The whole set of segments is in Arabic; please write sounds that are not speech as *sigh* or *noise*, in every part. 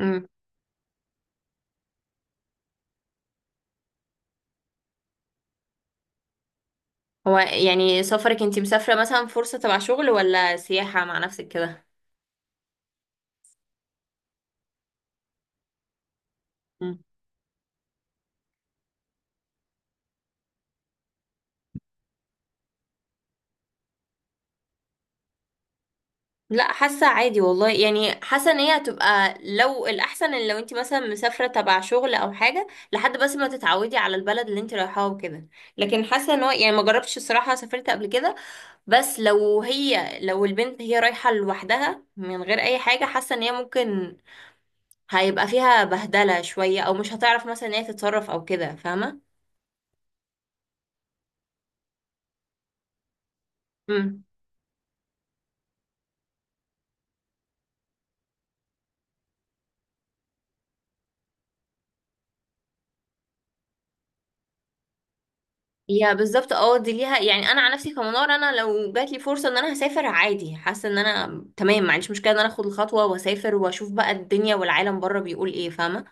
امم هو يعني، سفرك انتي مسافرة مثلا فرصة تبع شغل، ولا سياحة مع نفسك كده؟ مم. لا، حاسة عادي والله، يعني حاسة ان هي هتبقى، لو الأحسن ان لو انتي مثلا مسافرة تبع شغل أو حاجة، لحد بس ما تتعودي على البلد اللي انتي رايحاها وكده. لكن حاسة ان هو يعني، ما جربتش الصراحة، سافرت قبل كده. بس لو هي لو البنت هي رايحة لوحدها من غير أي حاجة، حاسة ان هي ممكن هيبقى فيها بهدلة شوية، أو مش هتعرف مثلا ان هي تتصرف أو كده، فاهمة؟ يا بالظبط اه، دي ليها يعني. انا عن نفسي كمنار، انا لو جات لي فرصه ان انا هسافر عادي، حاسه ان انا تمام، ما عنديش مشكله ان انا اخد الخطوه واسافر واشوف بقى الدنيا والعالم بره بيقول ايه، فاهمه.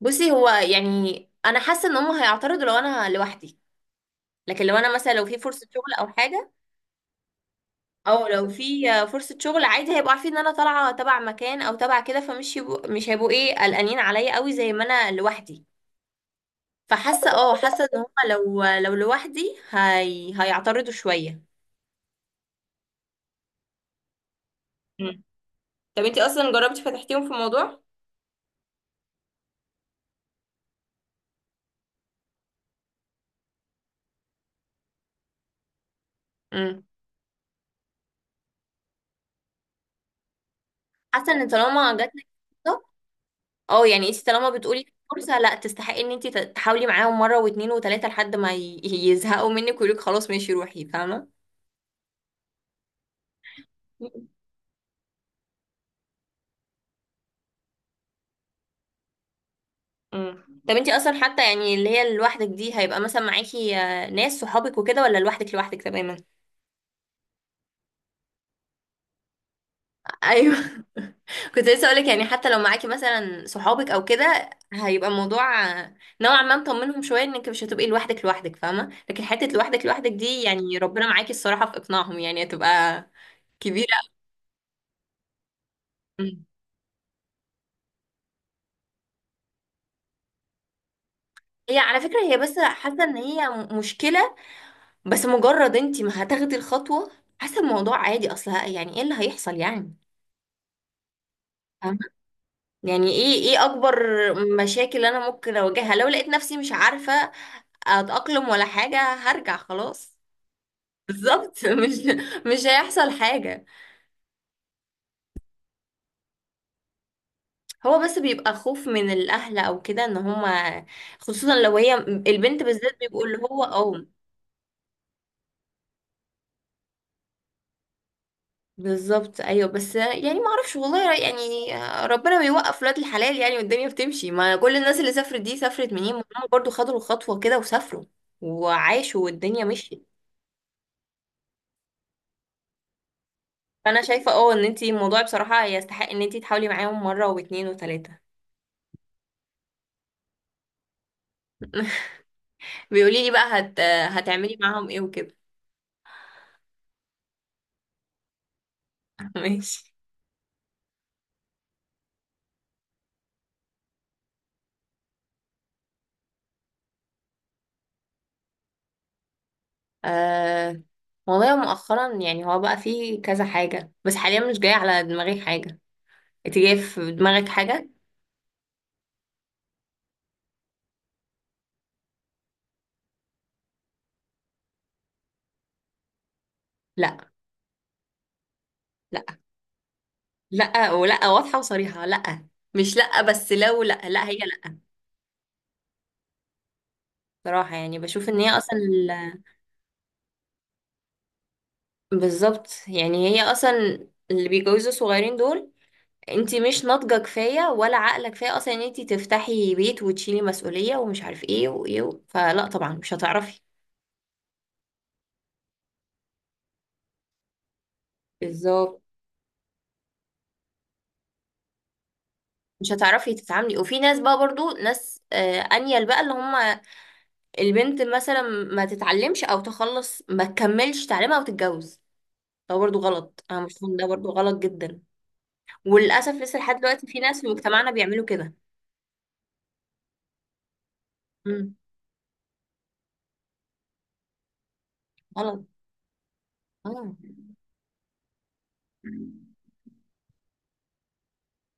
بصي، هو يعني انا حاسه ان هم هيعترضوا لو انا لوحدي، لكن لو انا مثلا لو في فرصه شغل او حاجه، او لو في فرصه شغل عادي، هيبقوا عارفين ان انا طالعه تبع مكان او تبع كده، فمش يبقوا، مش هيبقوا ايه، قلقانين عليا قوي زي ما انا لوحدي. فحاسه، اه حاسه ان هم لو لوحدي، هيعترضوا شويه. طب انتي اصلا جربتي فتحتيهم في موضوع؟ امم حاسه ان طالما جاتلك فرصه، اه يعني انتي طالما بتقولي فرصه، لا، تستحقي ان انتي تحاولي معاهم مره واتنين وتلاته لحد ما يزهقوا منك ويقولك خلاص ماشي روحي، فاهمه. طب انتي اصلا حتى، يعني اللي هي لوحدك دي، هيبقى مثلا معاكي ناس صحابك وكده، ولا لوحدك لوحدك تماما؟ ايوه. *laughs* كنت لسه اقولك، يعني حتى لو معاكي مثلا صحابك او كده، هيبقى الموضوع نوعا ما مطمنهم شويه انك مش هتبقي لوحدك لوحدك فاهمه. لكن حته لوحدك لوحدك دي يعني، ربنا معاكي الصراحه في اقناعهم، يعني هتبقى كبيره. مم. هي على فكره، هي بس حاسه ان هي مشكله، بس مجرد انت ما هتاخدي الخطوه، حاسه الموضوع عادي اصلا، يعني ايه اللي هيحصل يعني. فاهمة؟ يعني ايه، ايه اكبر مشاكل انا ممكن اواجهها لو لقيت نفسي مش عارفه اتأقلم ولا حاجة، هرجع خلاص. بالظبط. *laughs* مش هيحصل حاجة. هو بس بيبقى خوف من الأهل أو كده، إن هما خصوصا لو هي البنت بالذات، بيبقوا اللي هو اه. بالظبط أيوه، بس يعني ما أعرفش والله يعني، ربنا بيوقف ولاد الحلال يعني، والدنيا بتمشي. ما كل الناس اللي سافرت دي، سافرت منين؟ ما هما برضو خدوا الخطوة كده وسافروا وعاشوا والدنيا مشيت. فأنا شايفة اه، إن انتي الموضوع بصراحة يستحق إن انتي تحاولي معاهم مرة واتنين وتلاتة. بيقولي لي بقى هتعملي معاهم ايه وكده. *laughs* ماشي. آه... والله مؤخرا يعني هو بقى فيه كذا حاجة، بس حاليا مش جاية على دماغي حاجة. انت جاية في دماغك حاجة؟ لا. لا. لا ولا واضحة وصريحة، لا. مش لا، بس لو لا لا، هي لا. صراحة يعني بشوف ان هي اصلا بالظبط، يعني هي اصلا اللي بيتجوزوا صغيرين دول، انت مش ناضجة كفاية ولا عقلك كفاية اصلا ان انت تفتحي بيت وتشيلي مسؤولية ومش عارف ايه وايه و، فلا طبعا مش هتعرفي. بالظبط مش هتعرفي تتعاملي. وفي ناس بقى برضو ناس انيل بقى، اللي هم البنت مثلا ما تتعلمش او تخلص ما تكملش تعليمها وتتجوز، ده برضو غلط، انا مش فاهمة، ده برضو غلط جدا. وللاسف لسه لحد دلوقتي في ناس في مجتمعنا بيعملوا كده. امم غلط، اه.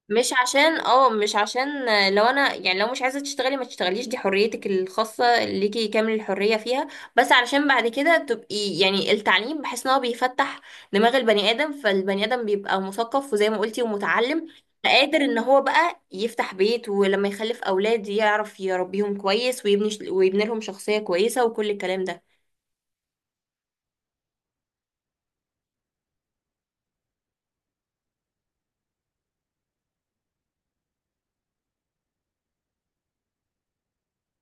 مش عشان اه، مش عشان لو انا يعني، لو مش عايزه تشتغلي ما تشتغليش، دي حريتك الخاصه ليكي، كامل الحريه فيها. بس علشان بعد كده تبقي يعني، التعليم بحس ان هو بيفتح دماغ البني ادم، فالبني ادم بيبقى مثقف وزي ما قلتي ومتعلم، قادر ان هو بقى يفتح بيت، ولما يخلف اولاد يعرف يربيهم كويس، ويبني، ويبني لهم شخصيه كويسه، وكل الكلام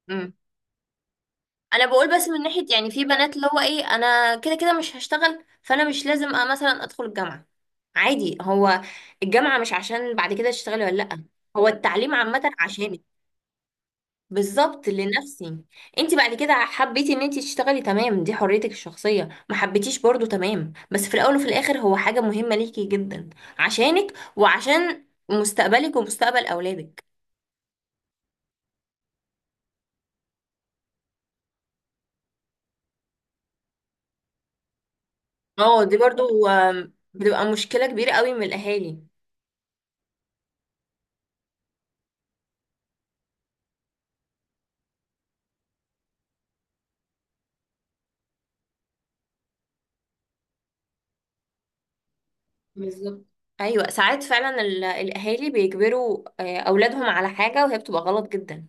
ده. انا بقول بس من ناحيه يعني، في بنات اللي هو ايه، انا كده كده مش هشتغل، فانا مش لازم مثلا ادخل الجامعه، عادي. هو الجامعه مش عشان بعد كده تشتغلي ولا لا، هو التعليم عامه عشانك. بالظبط، لنفسي. انت بعد كده حبيتي ان انت تشتغلي، تمام، دي حريتك الشخصيه، ما حبيتيش برضو، تمام. بس في الاول وفي الاخر هو حاجه مهمه ليكي جدا، عشانك، وعشان مستقبلك ومستقبل اولادك. اه دي برضو بتبقى مشكله كبيره قوي من الاهالي. بالظبط. ايوه، ساعات فعلا الاهالي بيجبروا اولادهم على حاجه وهي بتبقى غلط جدا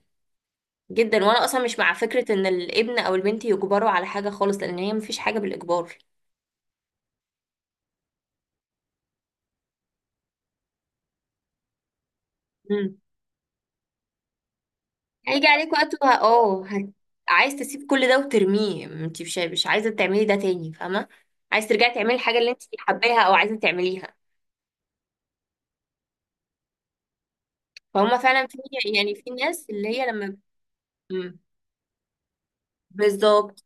جدا. وانا اصلا مش مع فكره ان الابن او البنت يجبروا على حاجه خالص، لان هي مفيش حاجه بالاجبار. امم هيجي عليك وقت عايز تسيب كل ده وترميه، انت مش عايزه تعملي ده تاني فاهمه، عايز ترجعي تعملي الحاجه اللي انت حباها او عايزه تعمليها. فهم فعلا في، يعني في ناس اللي هي لما. مم. بالظبط،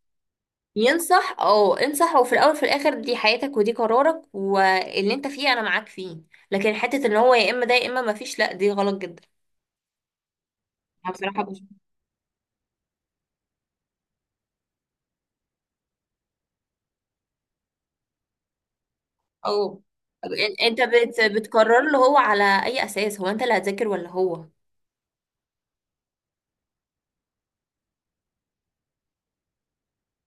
ينصح، اه انصح. وفي الاول وفي الاخر دي حياتك ودي قرارك واللي انت فيه انا معاك فيه، لكن حته ان هو يا اما ده يا اما ما فيش، لا دي غلط جدا. انا بصراحه بشوف، اه انت بتقرر له هو على اي اساس؟ هو انت اللي هتذاكر ولا هو؟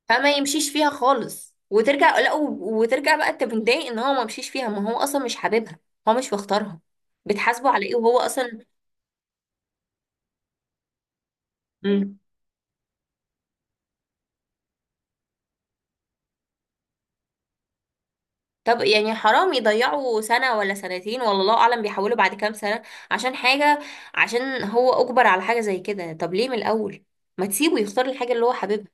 فما يمشيش فيها خالص، وترجع لا وترجع بقى انت متضايق ان هو ما مشيش فيها، ما هو اصلا مش حاببها، هو مش مختارها، بتحاسبه على ايه وهو اصلا. مم. طب يعني حرام يضيعوا سنة ولا سنتين ولا الله أعلم، بيحولوا بعد كام سنة عشان حاجة، عشان هو أجبر على حاجة زي كده. طب ليه من الأول ما تسيبه يختار الحاجة اللي هو حاببها؟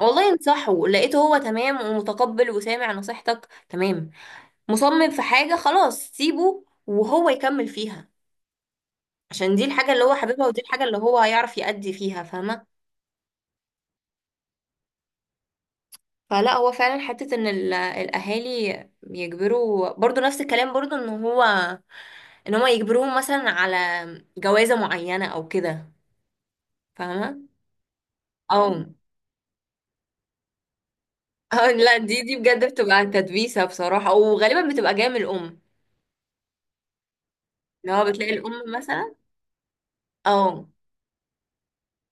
والله انصحه، لقيته هو تمام ومتقبل وسامع نصيحتك تمام، مصمم في حاجة خلاص، سيبه وهو يكمل فيها، عشان دي الحاجة اللي هو حاببها، ودي الحاجة اللي هو هيعرف يأدي فيها، فاهمة. فلا، هو فعلا حتة ان الاهالي يجبروا، برضو نفس الكلام، برضو ان هو، ان هما يجبروهم مثلا على جوازة معينة او كده، فاهمة. او *laughs* أو لا، دي بجد بتبقى تدبيسة بصراحة، وغالبا بتبقى جاية من الام، اللي هو بتلاقي الام مثلا، او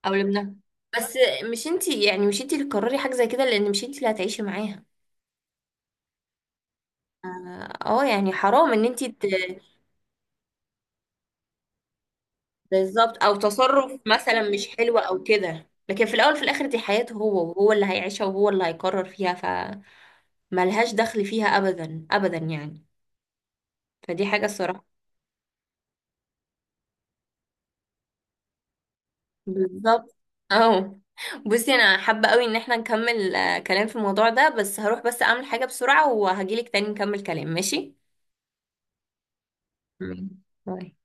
او لابنها بس. مش انتي، يعني مش انتي اللي تقرري حاجة زي كده، لان مش انتي اللي هتعيشي معاها. اه يعني حرام ان انتي بالظبط، او تصرف مثلا مش حلو او كده، لكن في الاول في الاخر دي حياته هو، وهو اللي هيعيشها وهو اللي هيقرر فيها، ف ملهاش دخل فيها ابدا ابدا يعني. فدي حاجه الصراحه. بالظبط اه. بصي انا حابه قوي ان احنا نكمل كلام في الموضوع ده، بس هروح بس اعمل حاجه بسرعه وهجيلك تاني نكمل كلام، ماشي؟ مم. باي.